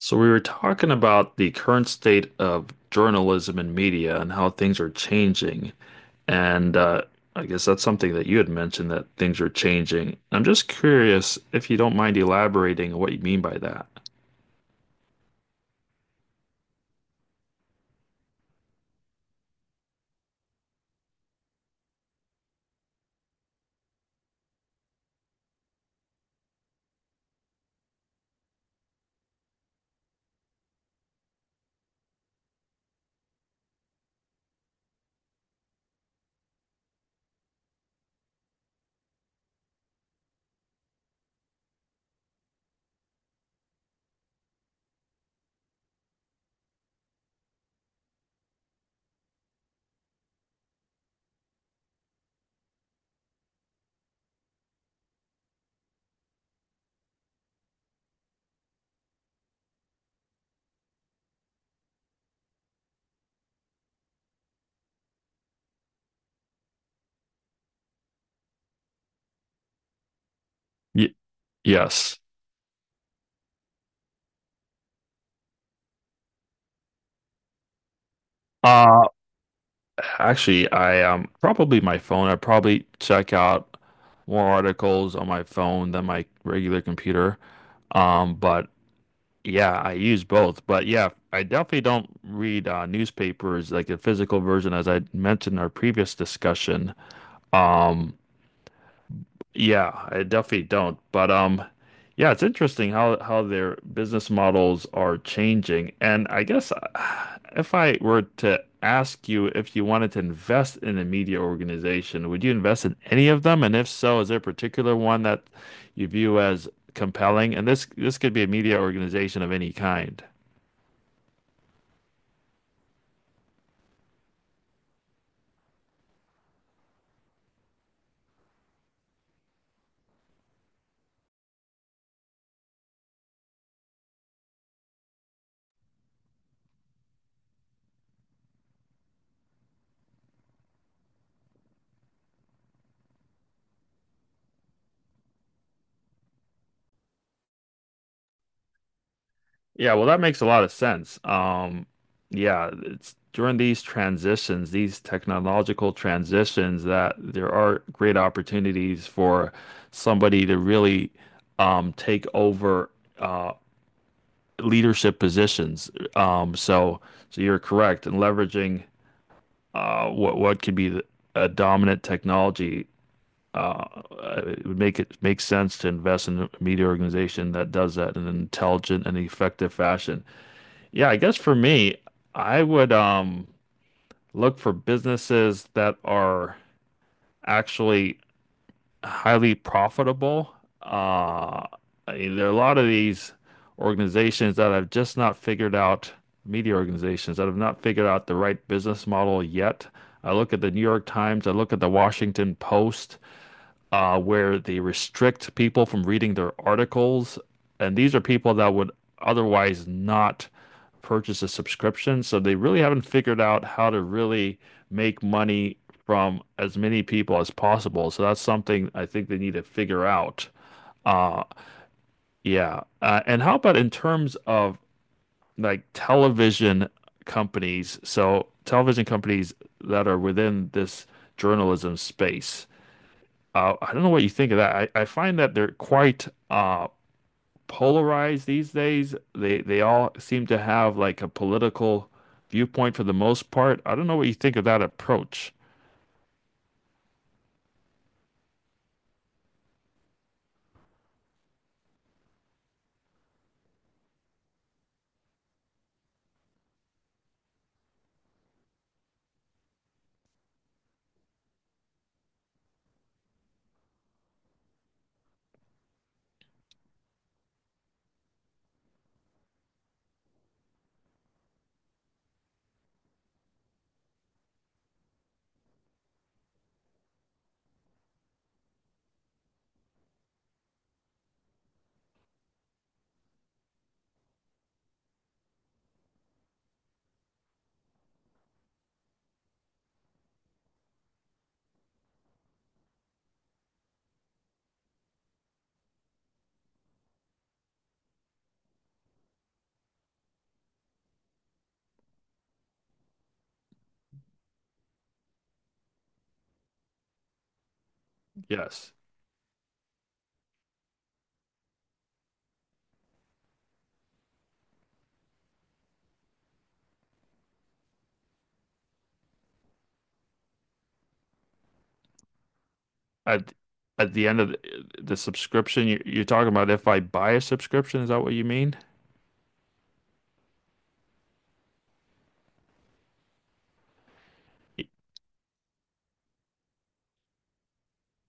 So we were talking about the current state of journalism and media and how things are changing. And I guess that's something that you had mentioned that things are changing. I'm just curious if you don't mind elaborating on what you mean by that. Y Yes. Uh, Actually, I probably my phone. I probably check out more articles on my phone than my regular computer. But yeah, I use both, but yeah, I definitely don't read newspapers like the physical version, as I mentioned in our previous discussion. Um, yeah, I definitely don't. But yeah, it's interesting how their business models are changing. And I guess if I were to ask you if you wanted to invest in a media organization, would you invest in any of them? And if so, is there a particular one that you view as compelling? And this could be a media organization of any kind. Yeah, well, that makes a lot of sense. Yeah, it's during these transitions, these technological transitions, that there are great opportunities for somebody to really take over uh, leadership positions. Um, so, so you're correct in leveraging what could be a dominant technology. Uh, it would make sense to invest in a media organization that does that in an intelligent and effective fashion. Yeah, I guess for me, I would look for businesses that are actually highly profitable. Uh, I mean, there are a lot of these organizations that have just not figured out, media organizations that have not figured out the right business model yet. I look at the New York Times, I look at the Washington Post where they restrict people from reading their articles. And these are people that would otherwise not purchase a subscription. So they really haven't figured out how to really make money from as many people as possible. So that's something I think they need to figure out. Uh, yeah. And how about in terms of like television companies? So television companies that are within this journalism space. I don't know what you think of that. I find that they're quite polarized these days. They all seem to have like a political viewpoint for the most part. I don't know what you think of that approach. Yes. At the end of the subscription, you're talking about if I buy a subscription, is that what you mean?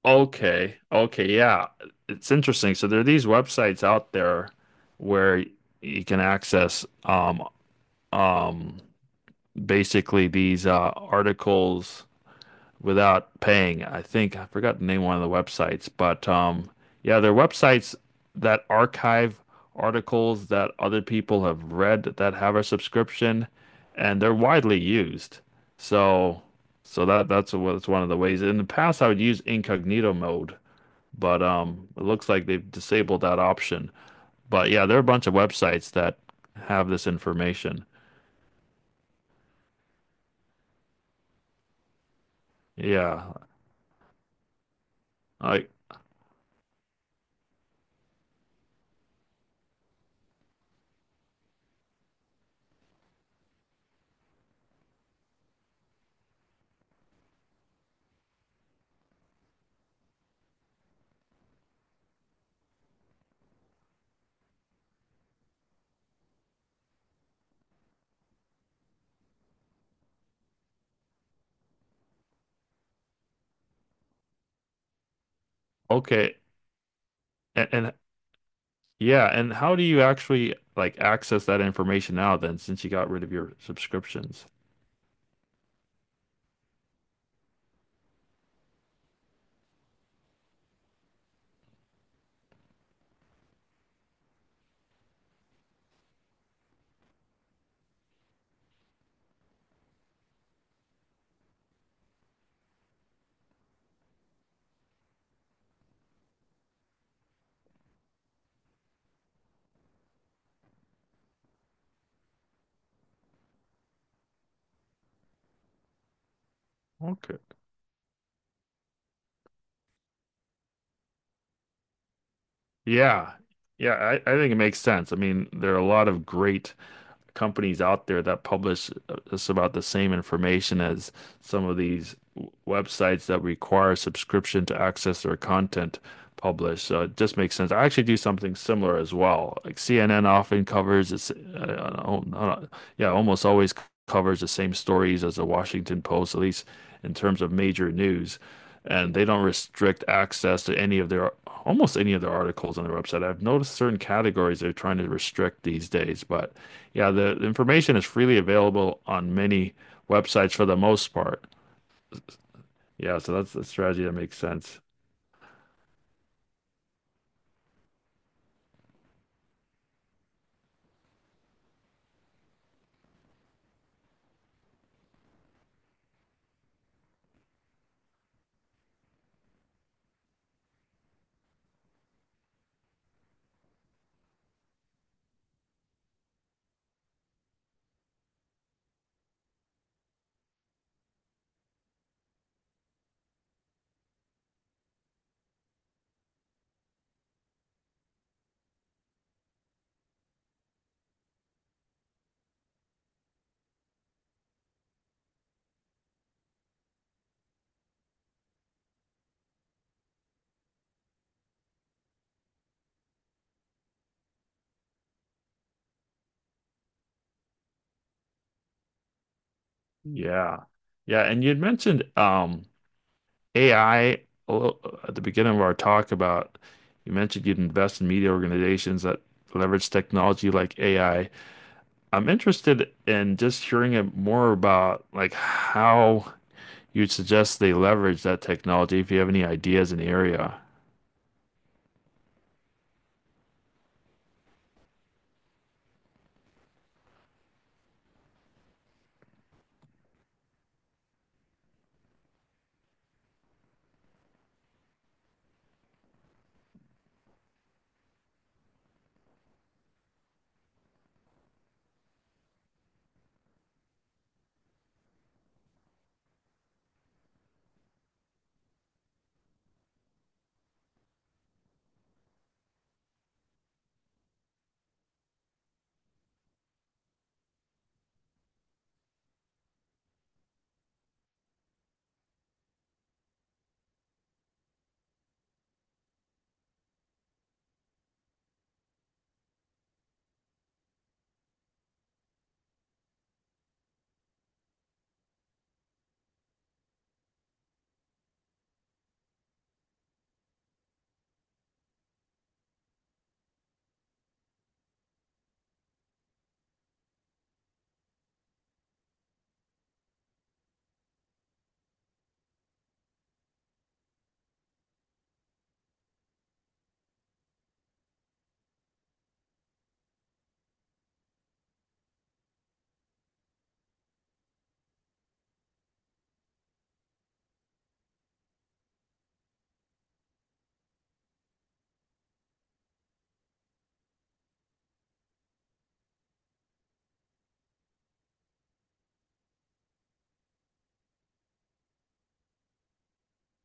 Okay. Okay. Yeah. It's interesting. So there are these websites out there where you can access um basically these articles without paying. I think I forgot the name of one of the websites, but yeah, they're websites that archive articles that other people have read that have a subscription, and they're widely used. So, so, that that's one of the ways. In the past, I would use incognito mode, but it looks like they've disabled that option. But yeah, there are a bunch of websites that have this information. Yeah, like okay. And yeah, and how do you actually like access that information now then, since you got rid of your subscriptions? Okay. Yeah. Yeah, I think it makes sense. I mean, there are a lot of great companies out there that publish just about the same information as some of these websites that require subscription to access their content published. So it just makes sense. I actually do something similar as well. Like CNN often covers yeah, almost always covers the same stories as the Washington Post, at least in terms of major news. And they don't restrict access to any of their almost any of their articles on their website. I've noticed certain categories they're trying to restrict these days, but yeah, the information is freely available on many websites for the most part. Yeah, so that's a strategy that makes sense. Yeah. Yeah, and you had mentioned AI little- at the beginning of our talk about you mentioned you'd invest in media organizations that leverage technology like AI. I'm interested in just hearing more about like how you'd suggest they leverage that technology if you have any ideas in the area.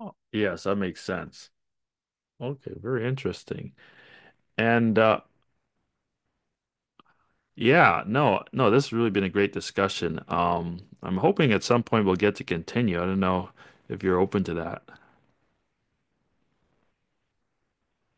Oh, yes, that makes sense. Okay, very interesting. And yeah, no, this has really been a great discussion. I'm hoping at some point we'll get to continue. I don't know if you're open to that.